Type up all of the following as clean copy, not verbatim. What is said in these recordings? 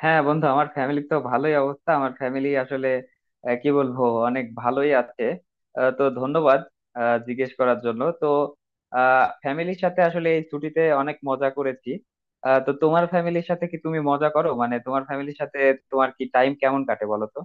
হ্যাঁ বন্ধু, আমার ফ্যামিলি তো ভালোই অবস্থা। আমার ফ্যামিলি আসলে কি বলবো, অনেক ভালোই আছে। তো ধন্যবাদ জিজ্ঞেস করার জন্য। তো ফ্যামিলির সাথে আসলে এই ছুটিতে অনেক মজা করেছি। তো তোমার ফ্যামিলির সাথে কি তুমি মজা করো? মানে তোমার ফ্যামিলির সাথে তোমার কি টাইম কেমন কাটে, বলো তো।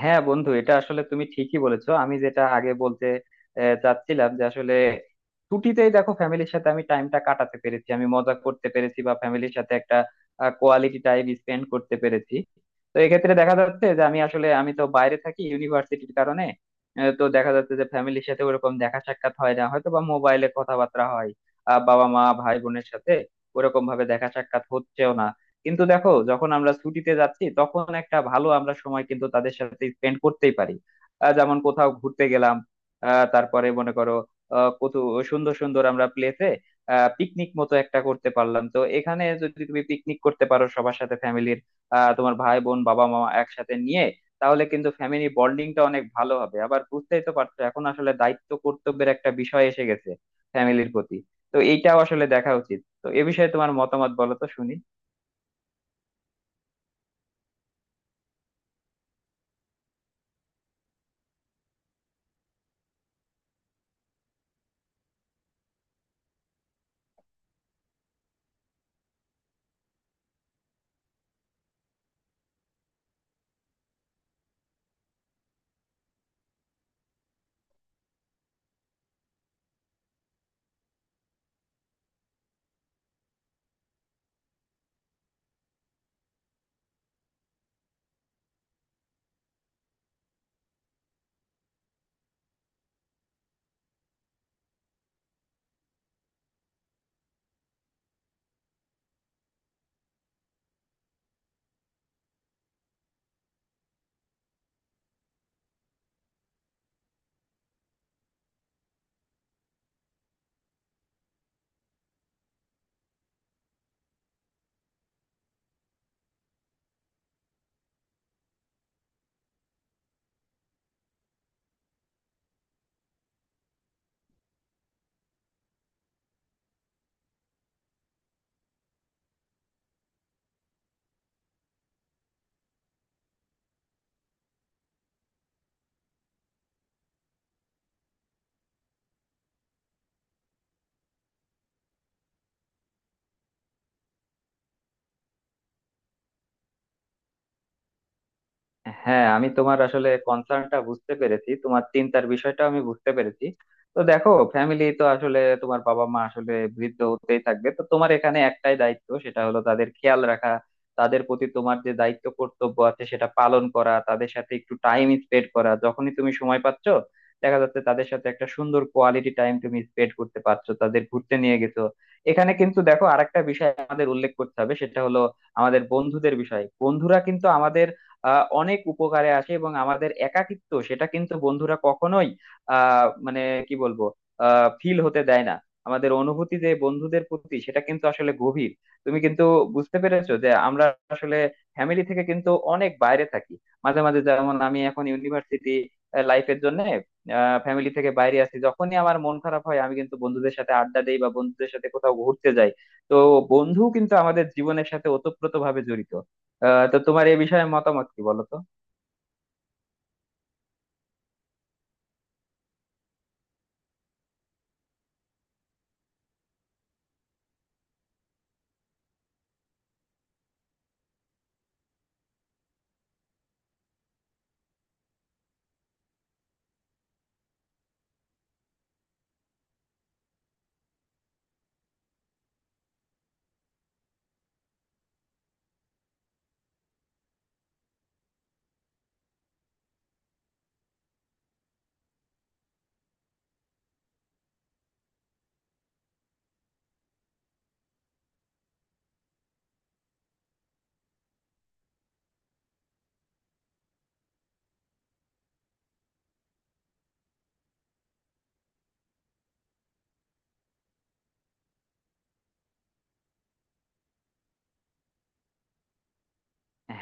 হ্যাঁ বন্ধু, এটা আসলে তুমি ঠিকই বলেছো। আমি যেটা আগে বলতে চাচ্ছিলাম যে আসলে ছুটিতেই দেখো ফ্যামিলির সাথে আমি টাইমটা কাটাতে পেরেছি, আমি মজা করতে পেরেছি, বা ফ্যামিলির সাথে একটা কোয়ালিটি টাইম স্পেন্ড করতে পেরেছি। তো এক্ষেত্রে দেখা যাচ্ছে যে আমি আসলে আমি তো বাইরে থাকি ইউনিভার্সিটির কারণে। তো দেখা যাচ্ছে যে ফ্যামিলির সাথে ওরকম দেখা সাক্ষাৎ হয় না, হয়তো বা মোবাইলে কথাবার্তা হয় বাবা মা ভাই বোনের সাথে। ওরকম ভাবে দেখা সাক্ষাৎ হচ্ছেও না, কিন্তু দেখো যখন আমরা ছুটিতে যাচ্ছি তখন একটা ভালো আমরা সময় কিন্তু তাদের সাথে স্পেন্ড করতেই পারি। যেমন কোথাও ঘুরতে গেলাম, তারপরে মনে করো কত সুন্দর সুন্দর আমরা প্লেসে পিকনিক মতো একটা করতে পারলাম। তো এখানে যদি তুমি পিকনিক করতে পারো সবার সাথে, ফ্যামিলির, তোমার ভাই বোন বাবা মা একসাথে নিয়ে, তাহলে কিন্তু ফ্যামিলি বন্ডিংটা অনেক ভালো হবে। আবার বুঝতেই তো পারছো এখন আসলে দায়িত্ব কর্তব্যের একটা বিষয় এসে গেছে ফ্যামিলির প্রতি। তো এইটাও আসলে দেখা উচিত। তো এ বিষয়ে তোমার মতামত বলো তো শুনি। হ্যাঁ, আমি তোমার আসলে কনসার্নটা বুঝতে পেরেছি, তোমার চিন্তার বিষয়টা আমি বুঝতে পেরেছি। তো দেখো ফ্যামিলি তো আসলে তোমার বাবা মা আসলে বৃদ্ধ হতেই থাকবে। তো তোমার এখানে একটাই দায়িত্ব, সেটা হলো তাদের খেয়াল রাখা, তাদের প্রতি তোমার যে দায়িত্ব কর্তব্য আছে সেটা পালন করা, তাদের সাথে একটু টাইম স্পেন্ড করা যখনই তুমি সময় পাচ্ছ। দেখা যাচ্ছে তাদের সাথে একটা সুন্দর কোয়ালিটি টাইম তুমি স্পেন্ড করতে পারছো, তাদের ঘুরতে নিয়ে গেছো। এখানে কিন্তু দেখো আরেকটা বিষয় আমাদের উল্লেখ করতে হবে, সেটা হলো আমাদের বন্ধুদের বিষয়। বন্ধুরা কিন্তু আমাদের অনেক উপকারে আসে, এবং আমাদের একাকিত্ব সেটা কিন্তু বন্ধুরা কখনোই আহ মানে কি বলবো, ফিল হতে দেয় না। আমাদের অনুভূতি যে বন্ধুদের প্রতি সেটা কিন্তু আসলে গভীর। তুমি কিন্তু বুঝতে পেরেছো যে আমরা আসলে ফ্যামিলি থেকে কিন্তু অনেক বাইরে থাকি। মাঝে মাঝে যেমন আমি এখন ইউনিভার্সিটি লাইফের জন্য ফ্যামিলি থেকে বাইরে আছি। যখনই আমার মন খারাপ হয় আমি কিন্তু বন্ধুদের সাথে আড্ডা দেই বা বন্ধুদের সাথে কোথাও ঘুরতে যাই। তো বন্ধু কিন্তু আমাদের জীবনের সাথে ওতপ্রোতভাবে জড়িত। তো তোমার এই বিষয়ে মতামত কি, বলো তো।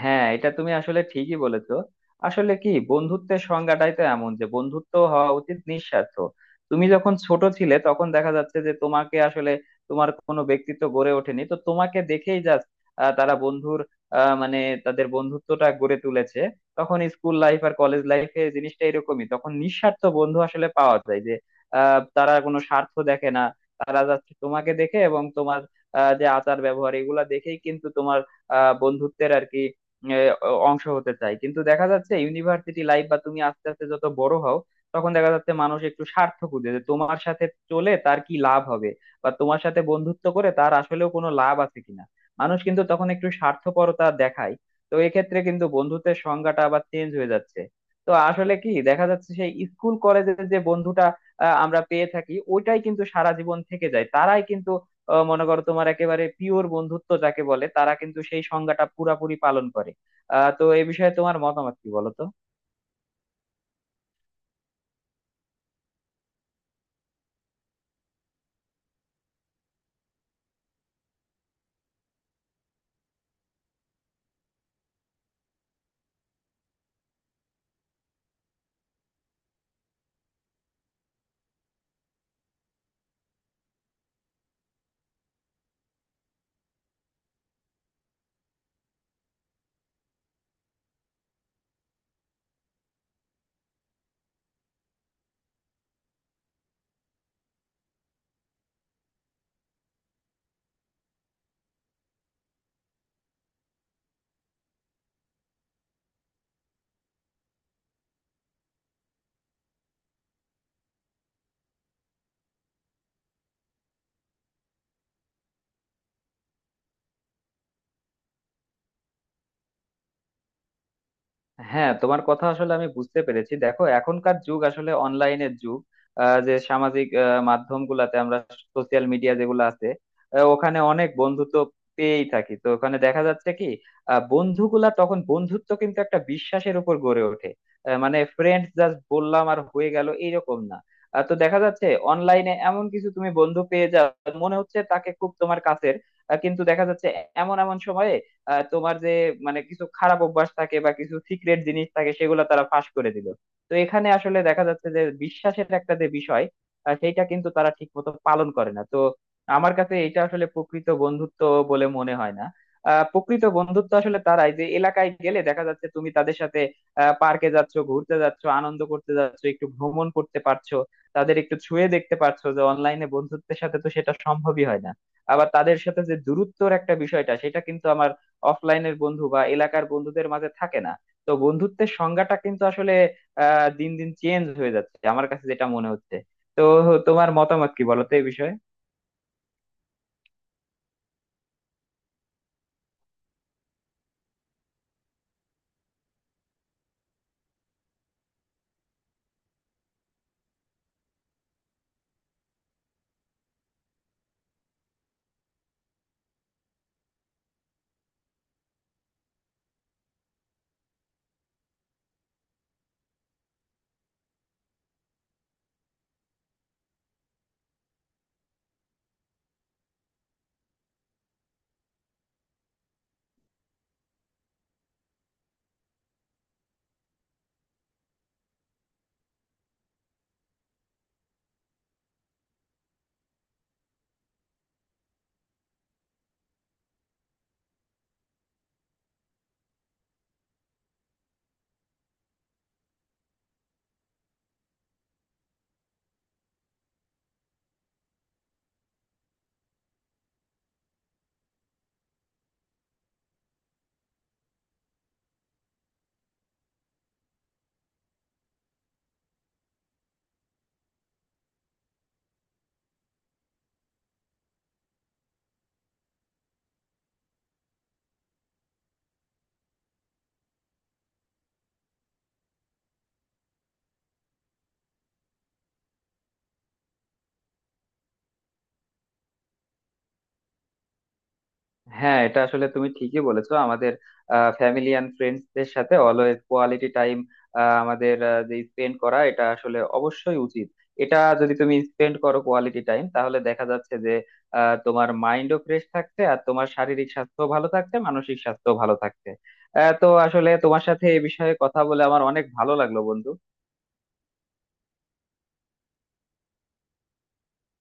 হ্যাঁ, এটা তুমি আসলে ঠিকই বলেছো। আসলে কি, বন্ধুত্বের সংজ্ঞাটাই তো এমন যে বন্ধুত্ব হওয়া উচিত নিঃস্বার্থ। তুমি যখন ছোট ছিলে তখন দেখা যাচ্ছে যে তোমাকে আসলে তোমার কোনো ব্যক্তিত্ব গড়ে ওঠেনি, তো তোমাকে দেখেই জাস্ট তারা বন্ধুর মানে তাদের বন্ধুত্বটা গড়ে তুলেছে। তখন স্কুল লাইফ আর কলেজ লাইফে জিনিসটা এরকমই, তখন নিঃস্বার্থ বন্ধু আসলে পাওয়া যায় যে তারা কোনো স্বার্থ দেখে না। তারা যাচ্ছে তোমাকে দেখে এবং তোমার যে আচার ব্যবহার, এগুলা দেখেই কিন্তু তোমার আহ বন্ধুত্বের আর কি এ, অ- অংশ হতে চাই। কিন্তু দেখা যাচ্ছে ইউনিভার্সিটি লাইফ বা তুমি আস্তে আস্তে যত বড় হও, তখন দেখা যাচ্ছে মানুষ একটু স্বার্থ খুঁজে যে তোমার সাথে চলে তার কি লাভ হবে, বা তোমার সাথে বন্ধুত্ব করে তার আসলেও কোনো লাভ আছে কিনা। মানুষ কিন্তু তখন একটু স্বার্থপরতা দেখায়। তো এক্ষেত্রে কিন্তু বন্ধুত্বের সংজ্ঞাটা আবার চেঞ্জ হয়ে যাচ্ছে। তো আসলে কি দেখা যাচ্ছে, সেই স্কুল কলেজের যে বন্ধুটা আমরা পেয়ে থাকি ওইটাই কিন্তু সারা জীবন থেকে যায়। তারাই কিন্তু মনে করো তোমার একেবারে পিওর বন্ধুত্ব যাকে বলে, তারা কিন্তু সেই সংজ্ঞাটা পুরাপুরি পালন করে। তো এই বিষয়ে তোমার মতামত কি, বলো তো। হ্যাঁ, তোমার কথা আসলে আমি বুঝতে পেরেছি। দেখো এখনকার যুগ আসলে অনলাইনের যুগ। যে সামাজিক মাধ্যমগুলাতে আমরা, সোশ্যাল মিডিয়া যেগুলো আছে ওখানে অনেক বন্ধুত্ব পেয়েই থাকি। তো ওখানে দেখা যাচ্ছে কি, বন্ধুগুলা তখন বন্ধুত্ব কিন্তু একটা বিশ্বাসের উপর গড়ে ওঠে। মানে ফ্রেন্ডস জাস্ট বললাম আর হয়ে গেল এইরকম না। তো দেখা যাচ্ছে অনলাইনে এমন কিছু তুমি বন্ধু পেয়ে যাও, মনে হচ্ছে তাকে খুব তোমার কাছের। কিন্তু দেখা যাচ্ছে এমন এমন সময়ে তোমার যে মানে কিছু খারাপ অভ্যাস থাকে বা কিছু সিক্রেট জিনিস থাকে সেগুলো তারা ফাঁস করে দিল। তো এখানে আসলে দেখা যাচ্ছে যে বিশ্বাসের একটা যে বিষয়, সেইটা কিন্তু তারা ঠিক মতো পালন করে না। তো আমার কাছে এটা আসলে প্রকৃত বন্ধুত্ব বলে মনে হয় না। প্রকৃত বন্ধুত্ব আসলে তারাই, যে এলাকায় গেলে দেখা যাচ্ছে তুমি তাদের সাথে পার্কে যাচ্ছ, ঘুরতে যাচ্ছ, আনন্দ করতে যাচ্ছ, একটু ভ্রমণ করতে পারছো, তাদের একটু ছুঁয়ে দেখতে পারছো। যে অনলাইনে বন্ধুত্বের সাথে তো সেটা সম্ভবই হয় না। আবার তাদের সাথে যে দূরত্বর একটা বিষয়টা সেটা কিন্তু আমার অফলাইনের বন্ধু বা এলাকার বন্ধুদের মাঝে থাকে না। তো বন্ধুত্বের সংজ্ঞাটা কিন্তু আসলে দিন দিন চেঞ্জ হয়ে যাচ্ছে আমার কাছে যেটা মনে হচ্ছে। তো তোমার মতামত কি বলো তো এই বিষয়ে। হ্যাঁ, এটা আসলে তুমি ঠিকই বলেছো। আমাদের ফ্যামিলি অ্যান্ড ফ্রেন্ডসদের সাথে অলওয়েজ কোয়ালিটি টাইম আমাদের যে স্পেন্ড করা, এটা আসলে অবশ্যই উচিত। এটা যদি তুমি স্পেন্ড করো কোয়ালিটি টাইম, তাহলে দেখা যাচ্ছে যে তোমার মাইন্ডও ফ্রেশ থাকছে, আর তোমার শারীরিক স্বাস্থ্য ভালো থাকছে, মানসিক স্বাস্থ্য ভালো থাকছে। তো আসলে তোমার সাথে এই বিষয়ে কথা বলে আমার অনেক ভালো লাগলো বন্ধু।